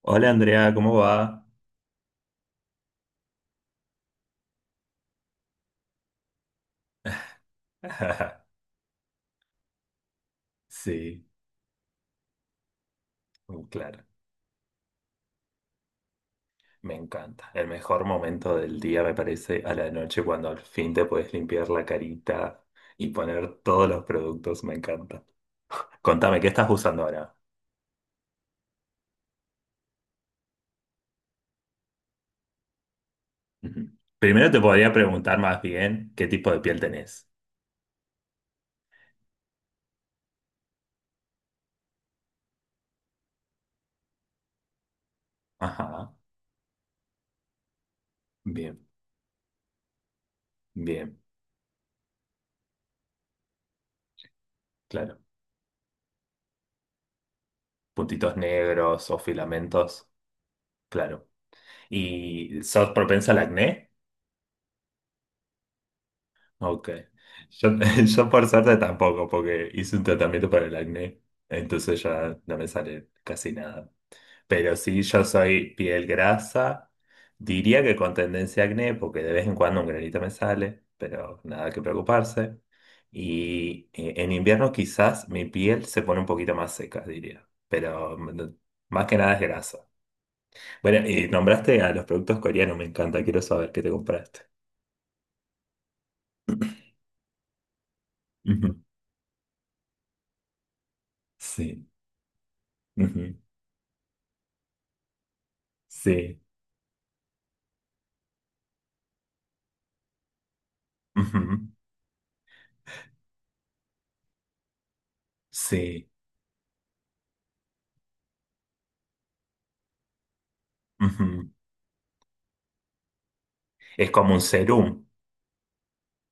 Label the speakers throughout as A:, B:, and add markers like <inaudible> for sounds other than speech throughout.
A: Hola Andrea, ¿cómo va? <laughs> Sí, claro, me encanta. El mejor momento del día me parece a la noche cuando al fin te puedes limpiar la carita y poner todos los productos, me encanta. Contame, ¿qué estás usando ahora? Ujú. Primero te podría preguntar más bien qué tipo de piel tenés. Ajá, bien, bien, claro. Puntitos negros o filamentos, claro. ¿Y sos propensa al acné? Ok. Yo, <laughs> yo por suerte tampoco, porque hice un tratamiento para el acné, entonces ya no me sale casi nada. Pero sí, yo soy piel grasa, diría que con tendencia a acné, porque de vez en cuando un granito me sale, pero nada que preocuparse. Y en invierno quizás mi piel se pone un poquito más seca, diría, pero más que nada es grasa. Bueno, y nombraste a los productos coreanos, me encanta, quiero saber qué te compraste. Ujú, <laughs> Sí. Sí, ujú, sí, ujú. Es como un serum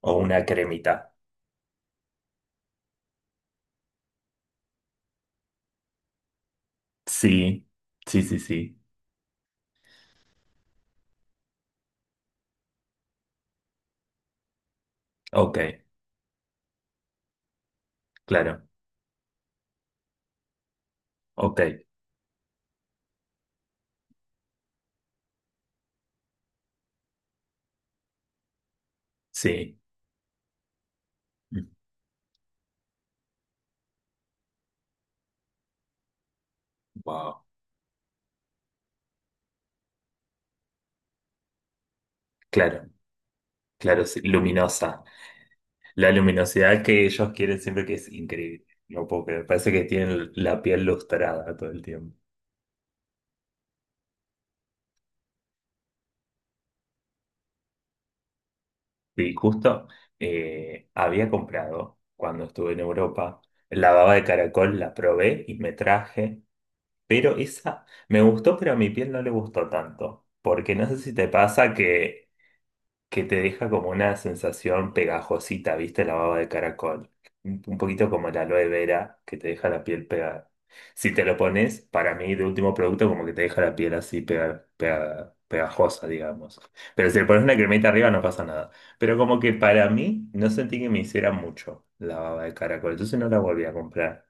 A: o una cremita. Sí, sí, sí, sí. Ok, claro, ok, sí. Wow, claro, claro, sí, luminosa. La luminosidad que ellos quieren siempre que es increíble, ¿no? Puedo creer. Parece que tienen la piel lustrada todo el tiempo. Y justo había comprado, cuando estuve en Europa, la baba de caracol, la probé y me traje. Pero esa me gustó, pero a mi piel no le gustó tanto. Porque no sé si te pasa que te deja como una sensación pegajosita, ¿viste? La baba de caracol. Un poquito como la aloe vera, que te deja la piel pegada. Si te lo pones, para mí, de último producto, como que te deja la piel así pegajosa, digamos. Pero si le pones una cremita arriba, no pasa nada. Pero como que para mí, no sentí que me hiciera mucho la baba de caracol. Entonces no la volví a comprar.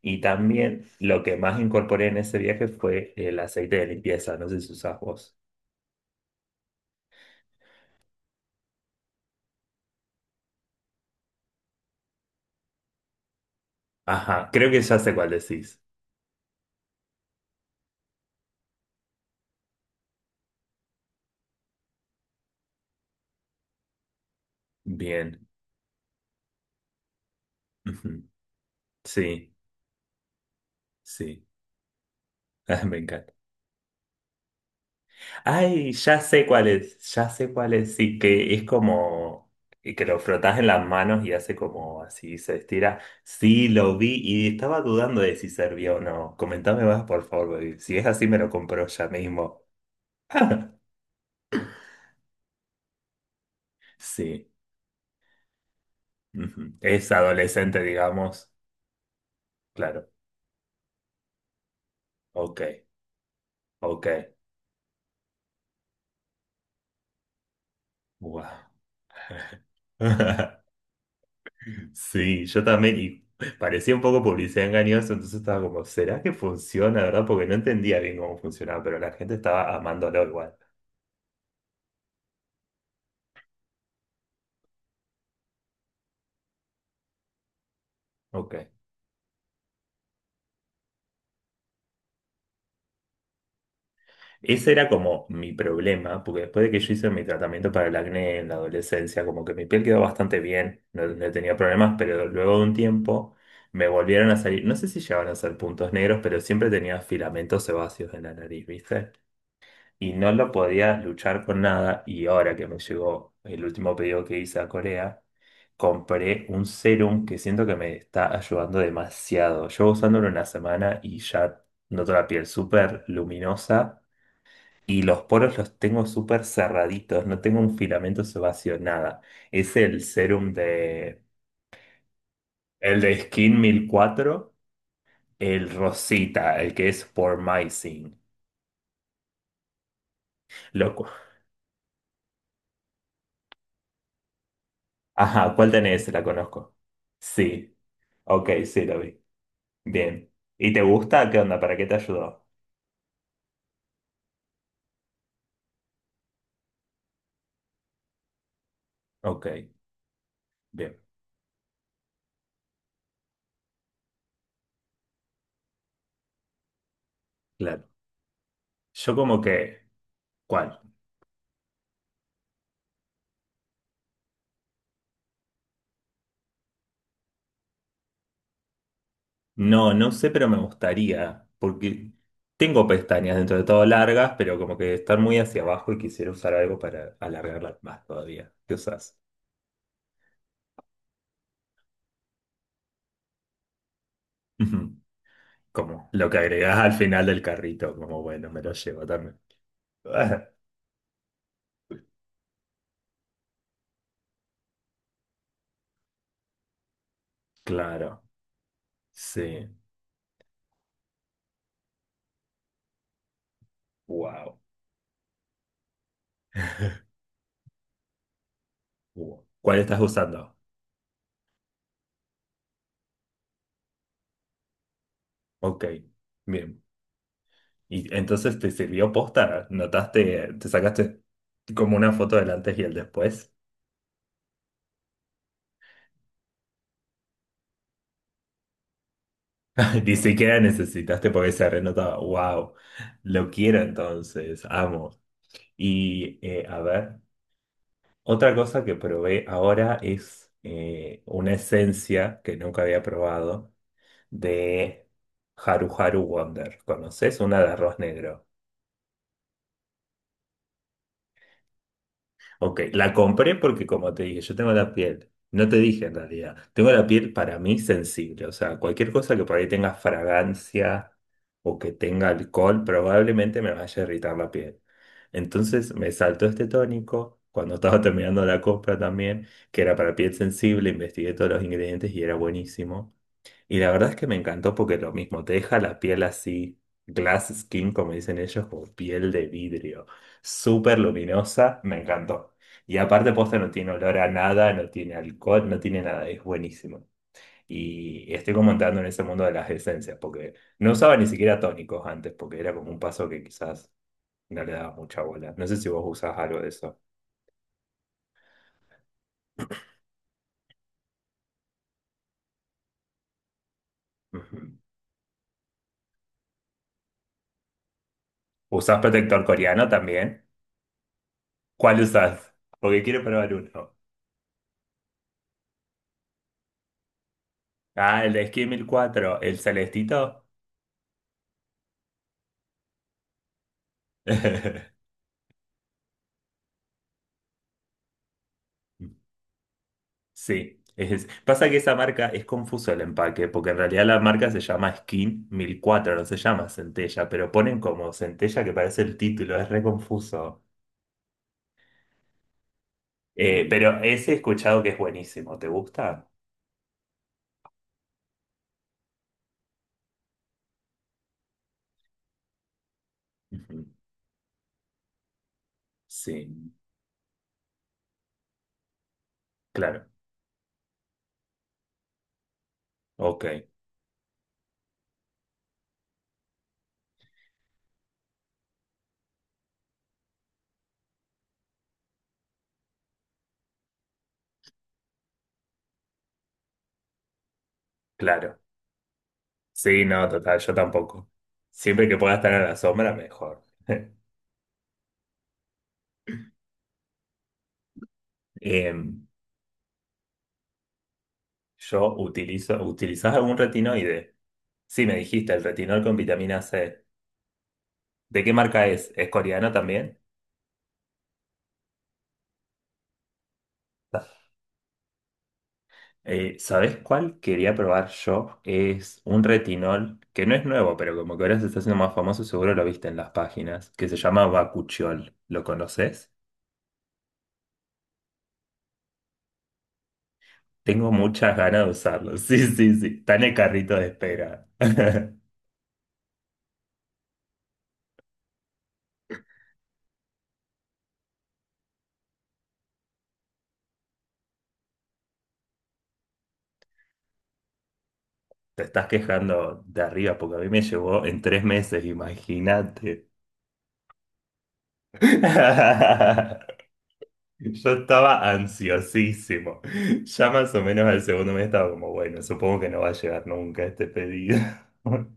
A: Y también lo que más incorporé en ese viaje fue el aceite de limpieza, no sé si usás vos. Ajá, creo que ya sé cuál decís. Bien. Ujú. Sí, sí. <laughs> Me encanta. Ay, ya sé cuál es, ya sé cuál es. Sí, que es como y que lo frotás en las manos y hace como así, se estira. Sí, lo vi y estaba dudando de si servía o no. Comentame más, por favor, baby. Si es así, me lo compro ya mismo. <laughs> Sí, ujú. Es adolescente, digamos. Claro. Ok, ok. Wow. <laughs> Sí, yo también, y parecía un poco publicidad engañosa, entonces estaba como, ¿será que funciona, verdad? Porque no entendía bien cómo funcionaba, pero la gente estaba amándolo igual. Ok. Ese era como mi problema, porque después de que yo hice mi tratamiento para el acné en la adolescencia, como que mi piel quedó bastante bien, no, no tenía problemas, pero luego de un tiempo me volvieron a salir, no sé si llegaban a ser puntos negros, pero siempre tenía filamentos sebáceos en la nariz, ¿viste? Y no lo podías luchar con nada. Y ahora que me llegó el último pedido que hice a Corea, compré un serum que siento que me está ayudando demasiado. Llevo usándolo una semana y ya noto la piel súper luminosa. Y los poros los tengo súper cerraditos, no tengo un filamento sebáceo, nada. Es el serum de... El de Skin 1004, el Rosita, el que es por Pormicin. Loco. Ajá, ¿cuál tenés? La conozco. Sí. Ok, sí, lo vi. Bien. ¿Y te gusta? ¿Qué onda? ¿Para qué te ayudó? Ok, bien, claro. Yo como que, ¿cuál? No, no sé, pero me gustaría, porque tengo pestañas dentro de todo largas, pero como que están muy hacia abajo y quisiera usar algo para alargarlas más todavía. ¿Qué usas? Ujú. Como lo que agregás al final del carrito, como bueno, me lo llevo también. <laughs> Ah, claro, sí. Wow. ¿Cuál estás usando? Ok, bien. Y entonces te sirvió posta, notaste, te sacaste como una foto del antes y el después. <laughs> Ni siquiera necesitaste porque se renotaba. Wow, lo quiero entonces, amo. Y a ver, otra cosa que probé ahora es una esencia que nunca había probado de Haru Haru Wonder. ¿Conoces? Una de arroz negro. Ok, la compré porque como te dije, yo tengo la piel, no te dije en realidad, tengo la piel para mí sensible, o sea, cualquier cosa que por ahí tenga fragancia o que tenga alcohol probablemente me vaya a irritar la piel. Entonces me saltó este tónico cuando estaba <laughs> terminando la compra también, que era para piel sensible, investigué todos los ingredientes y era buenísimo. Y la verdad es que me encantó porque lo mismo, te deja la piel así, glass skin, como dicen ellos, como piel de vidrio, súper luminosa, me encantó. Y aparte posta no tiene olor a nada, no tiene alcohol, no tiene nada, es buenísimo. Y estoy como entrando en ese mundo de las esencias, porque no usaba ni siquiera tónicos antes, porque era como un paso que quizás no le daba mucha bola. No sé si vos usás algo de eso. Ujú. ¿Usás protector coreano también? ¿Cuál usás? Porque quiero probar uno. Ah, el de Esquí 1004, el celestito. <laughs> Sí, pasa que esa marca es confuso el empaque, porque en realidad la marca se llama Skin 1004, no se llama Centella, pero ponen como Centella que parece el título, es re confuso. Pero ese he escuchado que es buenísimo, ¿te gusta? Ujú. Sí, claro, ok, claro. Sí, no, total, yo tampoco. Siempre que pueda estar a la sombra, mejor. <laughs> Em, yo utilizo, ¿utilizás algún retinoide? Sí, me dijiste, el retinol con vitamina C. ¿De qué marca es? ¿Es coreano también? ¿Sabés cuál quería probar yo? Es un retinol que no es nuevo, pero como que ahora se está haciendo más famoso, seguro lo viste en las páginas, que se llama Bakuchiol. ¿Lo conoces? Tengo muchas ganas de usarlo. <laughs> Sí, sí, sí. Está en el carrito de espera. <laughs> Te estás quejando de arriba porque a mí me llevó en 3 meses, imagínate. <laughs> Yo estaba ansiosísimo. Ya más o menos al segundo mes estaba como, bueno, supongo que no va a llegar nunca este pedido. <laughs>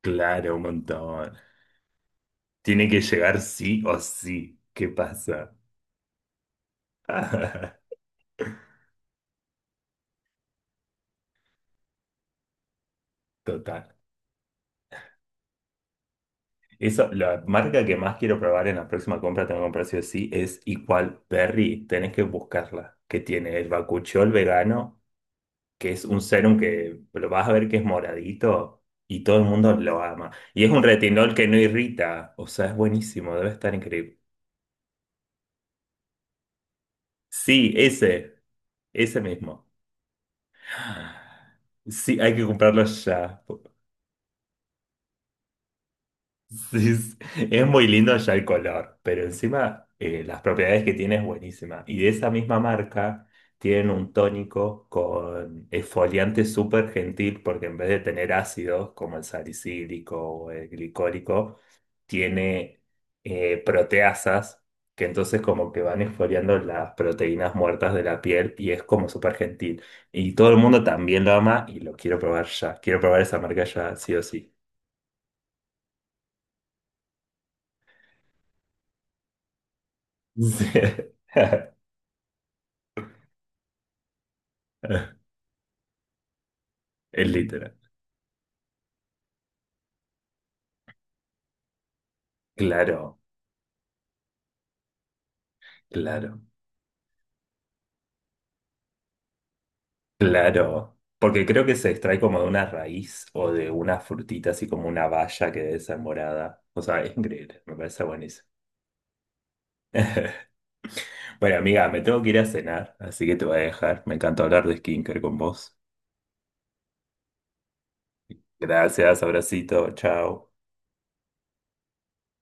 A: Claro, un montón. Tiene que llegar sí o sí. ¿Qué pasa? <laughs> Total. Eso, la marca que más quiero probar en la próxima compra, tengo que comprar sí o sí, es Equal Berry. Tenés que buscarla. Que tiene el bakuchiol vegano que es un serum que lo vas a ver que es moradito y todo el mundo lo ama. Y es un retinol que no irrita, o sea, es buenísimo, debe estar increíble. Sí, ese mismo. Sí, hay que comprarlo ya. Sí, es muy lindo ya el color, pero encima las propiedades que tiene es buenísima. Y de esa misma marca tienen un tónico con exfoliante súper gentil porque en vez de tener ácidos como el salicílico o el glicólico, tiene proteasas, que entonces como que van exfoliando las proteínas muertas de la piel y es como súper gentil. Y todo el mundo también lo ama y lo quiero probar ya. Quiero probar esa marca ya, sí o sí. <laughs> Sí. <laughs> Es literal. Claro, claro, claro. Porque creo que se extrae como de una raíz o de una frutita, así como una baya que debe ser morada. O sea, es increíble, me parece buenísimo. Bueno, amiga, me tengo que ir a cenar, así que te voy a dejar. Me encanta hablar de skincare con vos. Gracias, abracito, chao.